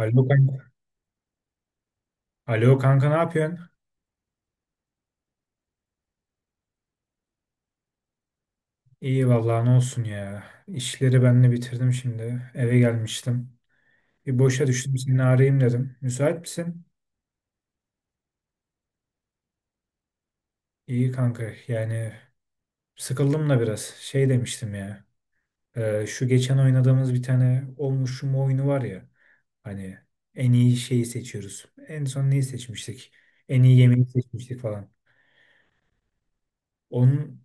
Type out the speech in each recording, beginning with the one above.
Alo kanka. Alo kanka, ne yapıyorsun? İyi vallahi, ne olsun ya. İşleri ben de bitirdim şimdi. Eve gelmiştim. Bir boşa düştüm, seni arayayım dedim. Müsait misin? İyi kanka, yani sıkıldım da biraz. Şey demiştim ya. Şu geçen oynadığımız bir tane olmuşum oyunu var ya. Hani en iyi şeyi seçiyoruz. En son neyi seçmiştik? En iyi yemeği seçmiştik falan. Onun,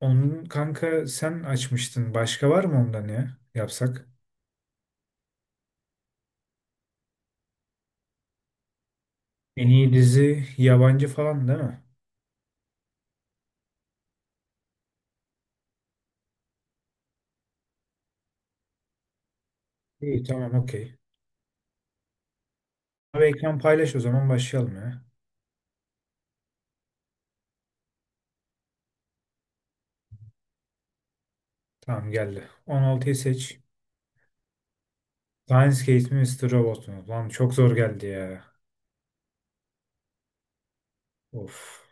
onun kanka sen açmıştın. Başka var mı ondan ya? Yapsak? En iyi dizi yabancı falan değil mi? İyi, tamam, okey. Abi ekran paylaş o zaman, başlayalım ya. Tamam geldi. 16'yı seç. Lionsgate mi Mister Robot mu? Lan çok zor geldi ya. Of.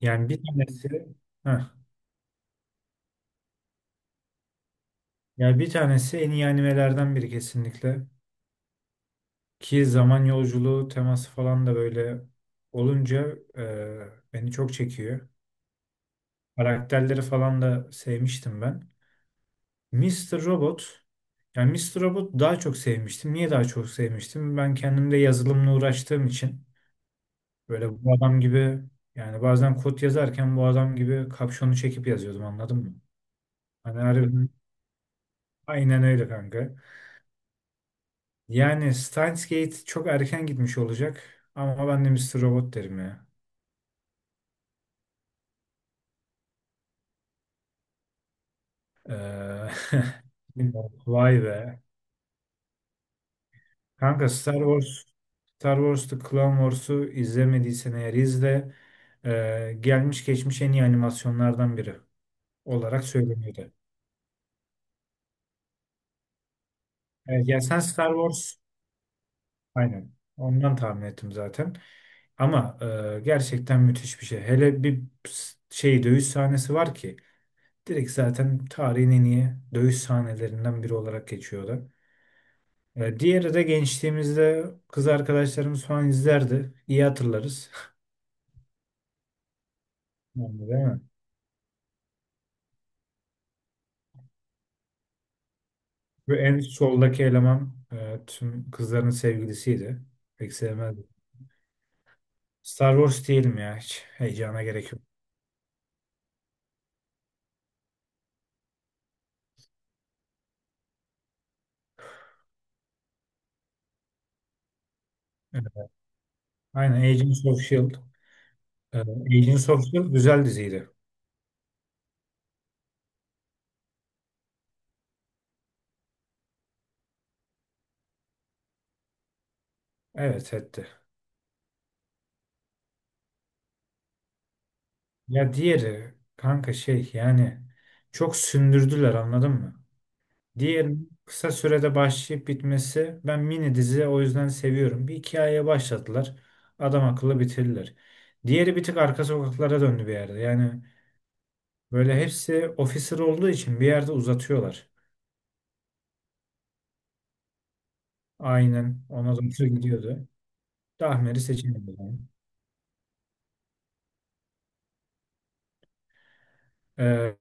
Yani bir tanesi. Heh. Yani bir tanesi en iyi animelerden biri kesinlikle. Ki zaman yolculuğu teması falan da böyle olunca beni çok çekiyor. Karakterleri falan da sevmiştim ben. Mr. Robot, yani Mr. Robot daha çok sevmiştim. Niye daha çok sevmiştim? Ben kendimde yazılımla uğraştığım için böyle bu adam gibi, yani bazen kod yazarken bu adam gibi kapşonu çekip yazıyordum, anladın mı? Hani harbiden aynen öyle kanka. Yani Steins Gate çok erken gitmiş olacak, ama ben de Mr. Robot derim ya. Ee, bilmiyorum. Vay be. Kanka Star Wars, Star Wars The Clone Wars'u izlemediysen eğer izle. Gelmiş geçmiş en iyi animasyonlardan biri olarak söyleniyordu. Evet, ya sen Star Wars, aynen ondan tahmin ettim zaten. Ama gerçekten müthiş bir şey. Hele bir şey dövüş sahnesi var ki, direkt zaten tarihin en iyi dövüş sahnelerinden biri olarak geçiyordu. E, diğeri de gençliğimizde kız arkadaşlarımız falan izlerdi. İyi hatırlarız. Yani değil mi? Ve en soldaki eleman tüm kızların sevgilisiydi. Pek sevmezdim. Star Wars diyelim ya hiç. Heyecana gerek yok. Evet. Aynen, Agents of S.H.I.E.L.D. E, Agents of S.H.I.E.L.D. güzel diziydi. Evet, etti. Ya diğeri kanka şey yani çok sündürdüler, anladın mı? Diğerinin kısa sürede başlayıp bitmesi, ben mini dizi o yüzden seviyorum. Bir hikayeye başladılar. Adam akıllı bitirdiler. Diğeri bir tık arka sokaklara döndü bir yerde. Yani böyle hepsi officer olduğu için bir yerde uzatıyorlar. Aynen ona doğru gidiyordu. Dahmer'i seçemedim ben. Ee,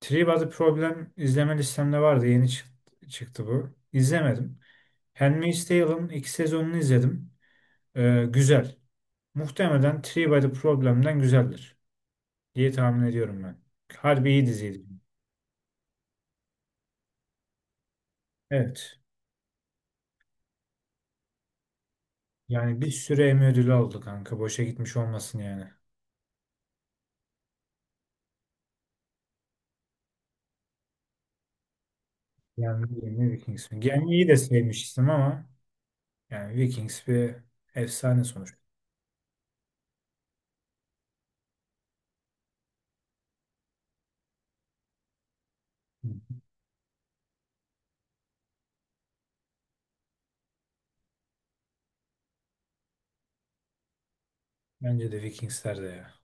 Three Body Problem izleme listemde vardı. Çıktı bu. İzlemedim. Handmaid's Tale'ın ilk sezonunu izledim. Güzel. Muhtemelen Three Body Problem'den güzeldir diye tahmin ediyorum ben. Harbi iyi diziydi. Evet. Yani bir sürü Emmy ödülü aldı kanka. Boşa gitmiş olmasın yani. Yani ne, Vikings mi? Yani iyi de sevmiştim ama. Yani Vikings bir efsane sonuç. Hı hı. Bence de Vikingsler de ya.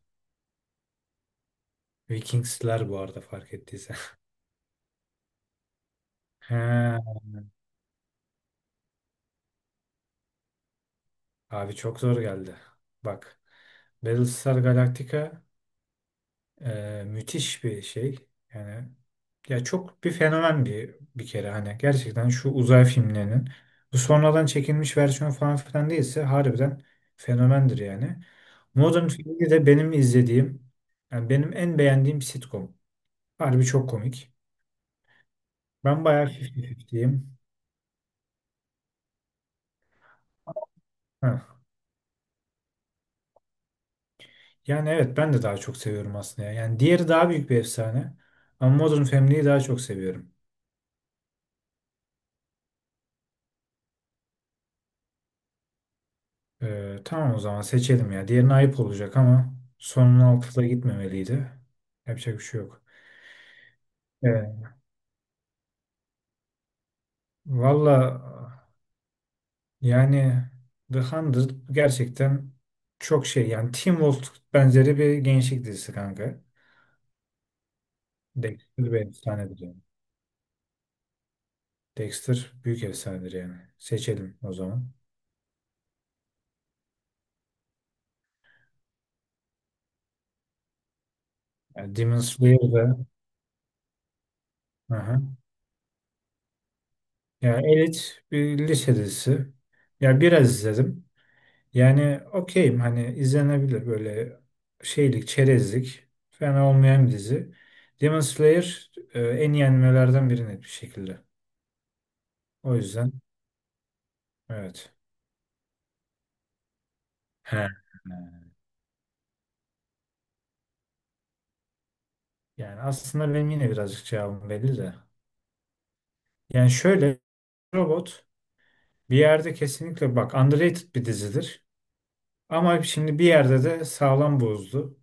Vikingsler bu arada, fark ettiysen. He, abi çok zor geldi. Bak Battlestar Galactica müthiş bir şey. Yani ya çok bir fenomen, bir kere hani gerçekten şu uzay filmlerinin, bu sonradan çekilmiş versiyon falan filan değilse harbiden fenomendir yani. Modern Family de benim izlediğim, yani benim en beğendiğim sitcom. Harbi çok komik. Ben bayağı 50-50'yim. Yani evet, ben de daha çok seviyorum aslında ya. Yani diğeri daha büyük bir efsane. Ama Modern Family'yi daha çok seviyorum. Tamam, o zaman seçelim ya. Diğerine ayıp olacak ama sonun altında gitmemeliydi. Yapacak bir şey yok. Evet. Valla yani The Hundred gerçekten çok şey. Yani Teen Wolf benzeri bir gençlik dizisi kanka. Dexter bir efsanedir yani. Dexter büyük efsanedir yani. Seçelim o zaman. Yani Demon Slayer. Aha. Ya elit bir lise dizisi. Ya biraz izledim. Yani okeyim, hani izlenebilir böyle şeylik, çerezlik. Fena olmayan bir dizi. Demon Slayer en iyi animelerden biri net bir şekilde. O yüzden evet. He. Yani aslında benim yine birazcık cevabım belli de. Yani şöyle, robot bir yerde kesinlikle bak underrated bir dizidir. Ama şimdi bir yerde de sağlam bozdu.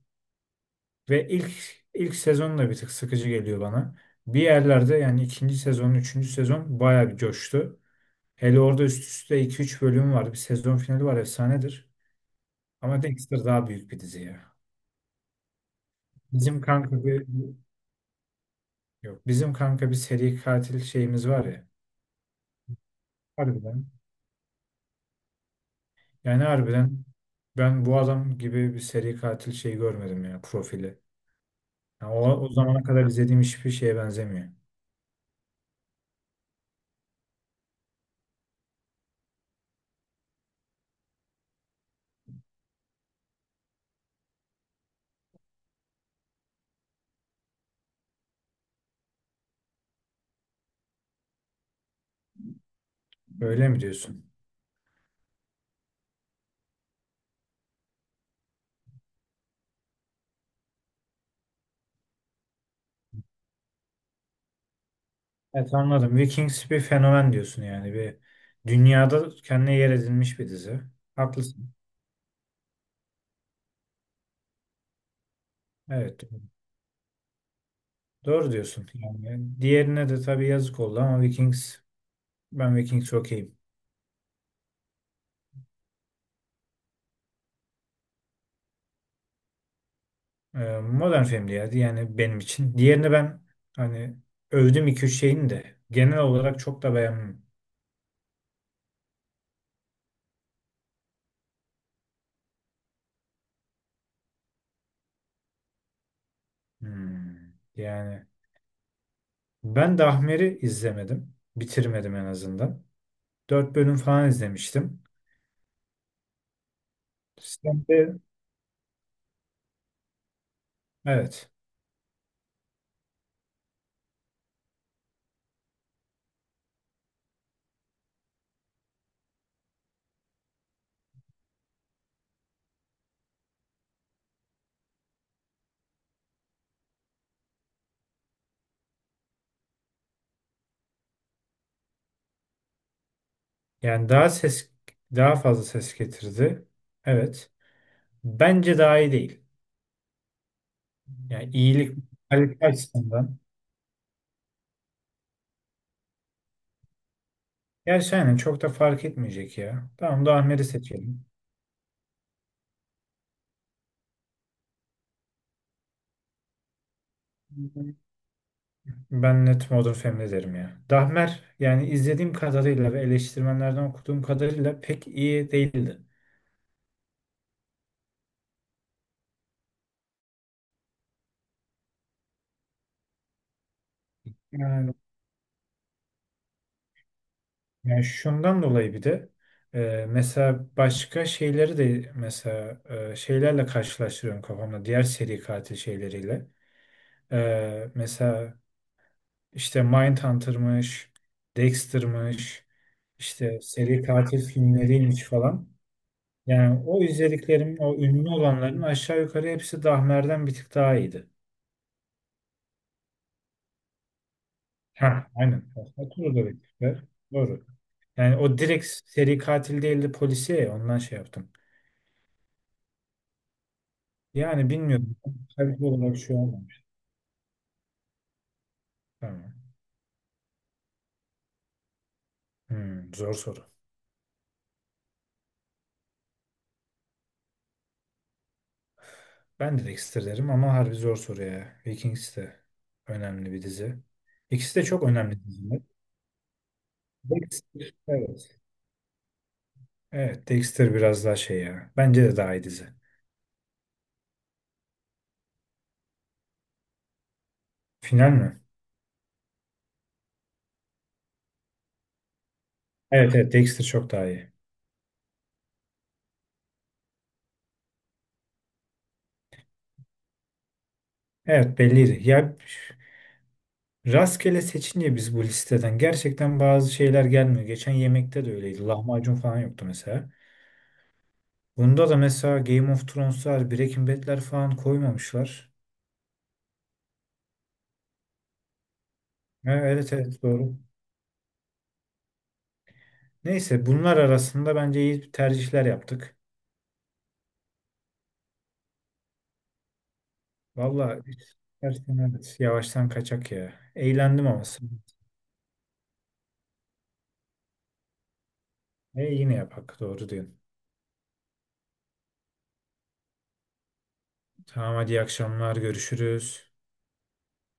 Ve ilk sezon da bir tık sıkıcı geliyor bana. Bir yerlerde yani ikinci sezon, üçüncü sezon bayağı bir coştu. Hele orada üst üste iki üç bölüm var. Bir sezon finali var, efsanedir. Ama Dexter daha büyük bir dizi ya. Bizim kanka bir yok. Bizim kanka bir seri katil şeyimiz var ya. Harbiden. Yani harbiden ben bu adam gibi bir seri katil şey görmedim ya, profili. Yani o zamana kadar izlediğim hiçbir şeye benzemiyor. Öyle mi diyorsun? Evet anladım. Vikings bir fenomen diyorsun yani. Bir dünyada kendine yer edinmiş bir dizi. Haklısın. Evet. Doğru diyorsun. Yani diğerine de tabii yazık oldu ama Vikings, ben Vikings okeyim. Modern film diyerdi yani benim için. Diğerini ben hani övdüm, iki üç şeyini de genel olarak çok da beğenmem. Hmm. Yani ben Dahmer'i izlemedim. Bitirmedim en azından. 4 bölüm falan izlemiştim. Sen de evet. Yani daha fazla ses getirdi. Evet. Bence daha iyi değil. Yani iyilik kalite açısından. Gerçi aynen çok da fark etmeyecek ya. Tamam, Dahmer'i seçelim. Ben net Modern Family derim ya. Dahmer yani izlediğim kadarıyla ve eleştirmenlerden okuduğum kadarıyla pek iyi değildi. Yani, Yani şundan dolayı bir de mesela başka şeyleri de, mesela şeylerle karşılaştırıyorum kafamda. Diğer seri katil şeyleriyle. Mesela işte Mindhunter'mış, Dexter'mış, işte seri katil filmleriymiş falan. Yani o izlediklerim, o ünlü olanların aşağı yukarı hepsi Dahmer'den bir tık daha iyiydi. Ha, aynen. Fatura da bir tık var. Doğru. Yani o direkt seri katil değildi, polisiye ya, ondan şey yaptım. Yani bilmiyorum. Tabii olarak şey olmamış. Tamam. Hmm, zor soru. Ben de Dexter derim ama harbi zor soru ya. Vikings de önemli bir dizi. İkisi de çok önemli diziler. Dexter, evet. Evet, Dexter biraz daha şey ya. Bence de daha iyi dizi. Final mi? Evet, evet Dexter çok daha iyi. Evet belliydi. Ya rastgele seçince biz bu listeden gerçekten bazı şeyler gelmiyor. Geçen yemekte de öyleydi. Lahmacun falan yoktu mesela. Bunda da mesela Game of Thrones'lar, Breaking Bad'ler falan koymamışlar. Ha, evet evet doğru. Neyse, bunlar arasında bence iyi tercihler yaptık. Valla hiç tersten, evet, yavaştan kaçak ya. Eğlendim ama. E, yine yapak, doğru diyorsun. Tamam hadi, iyi akşamlar görüşürüz.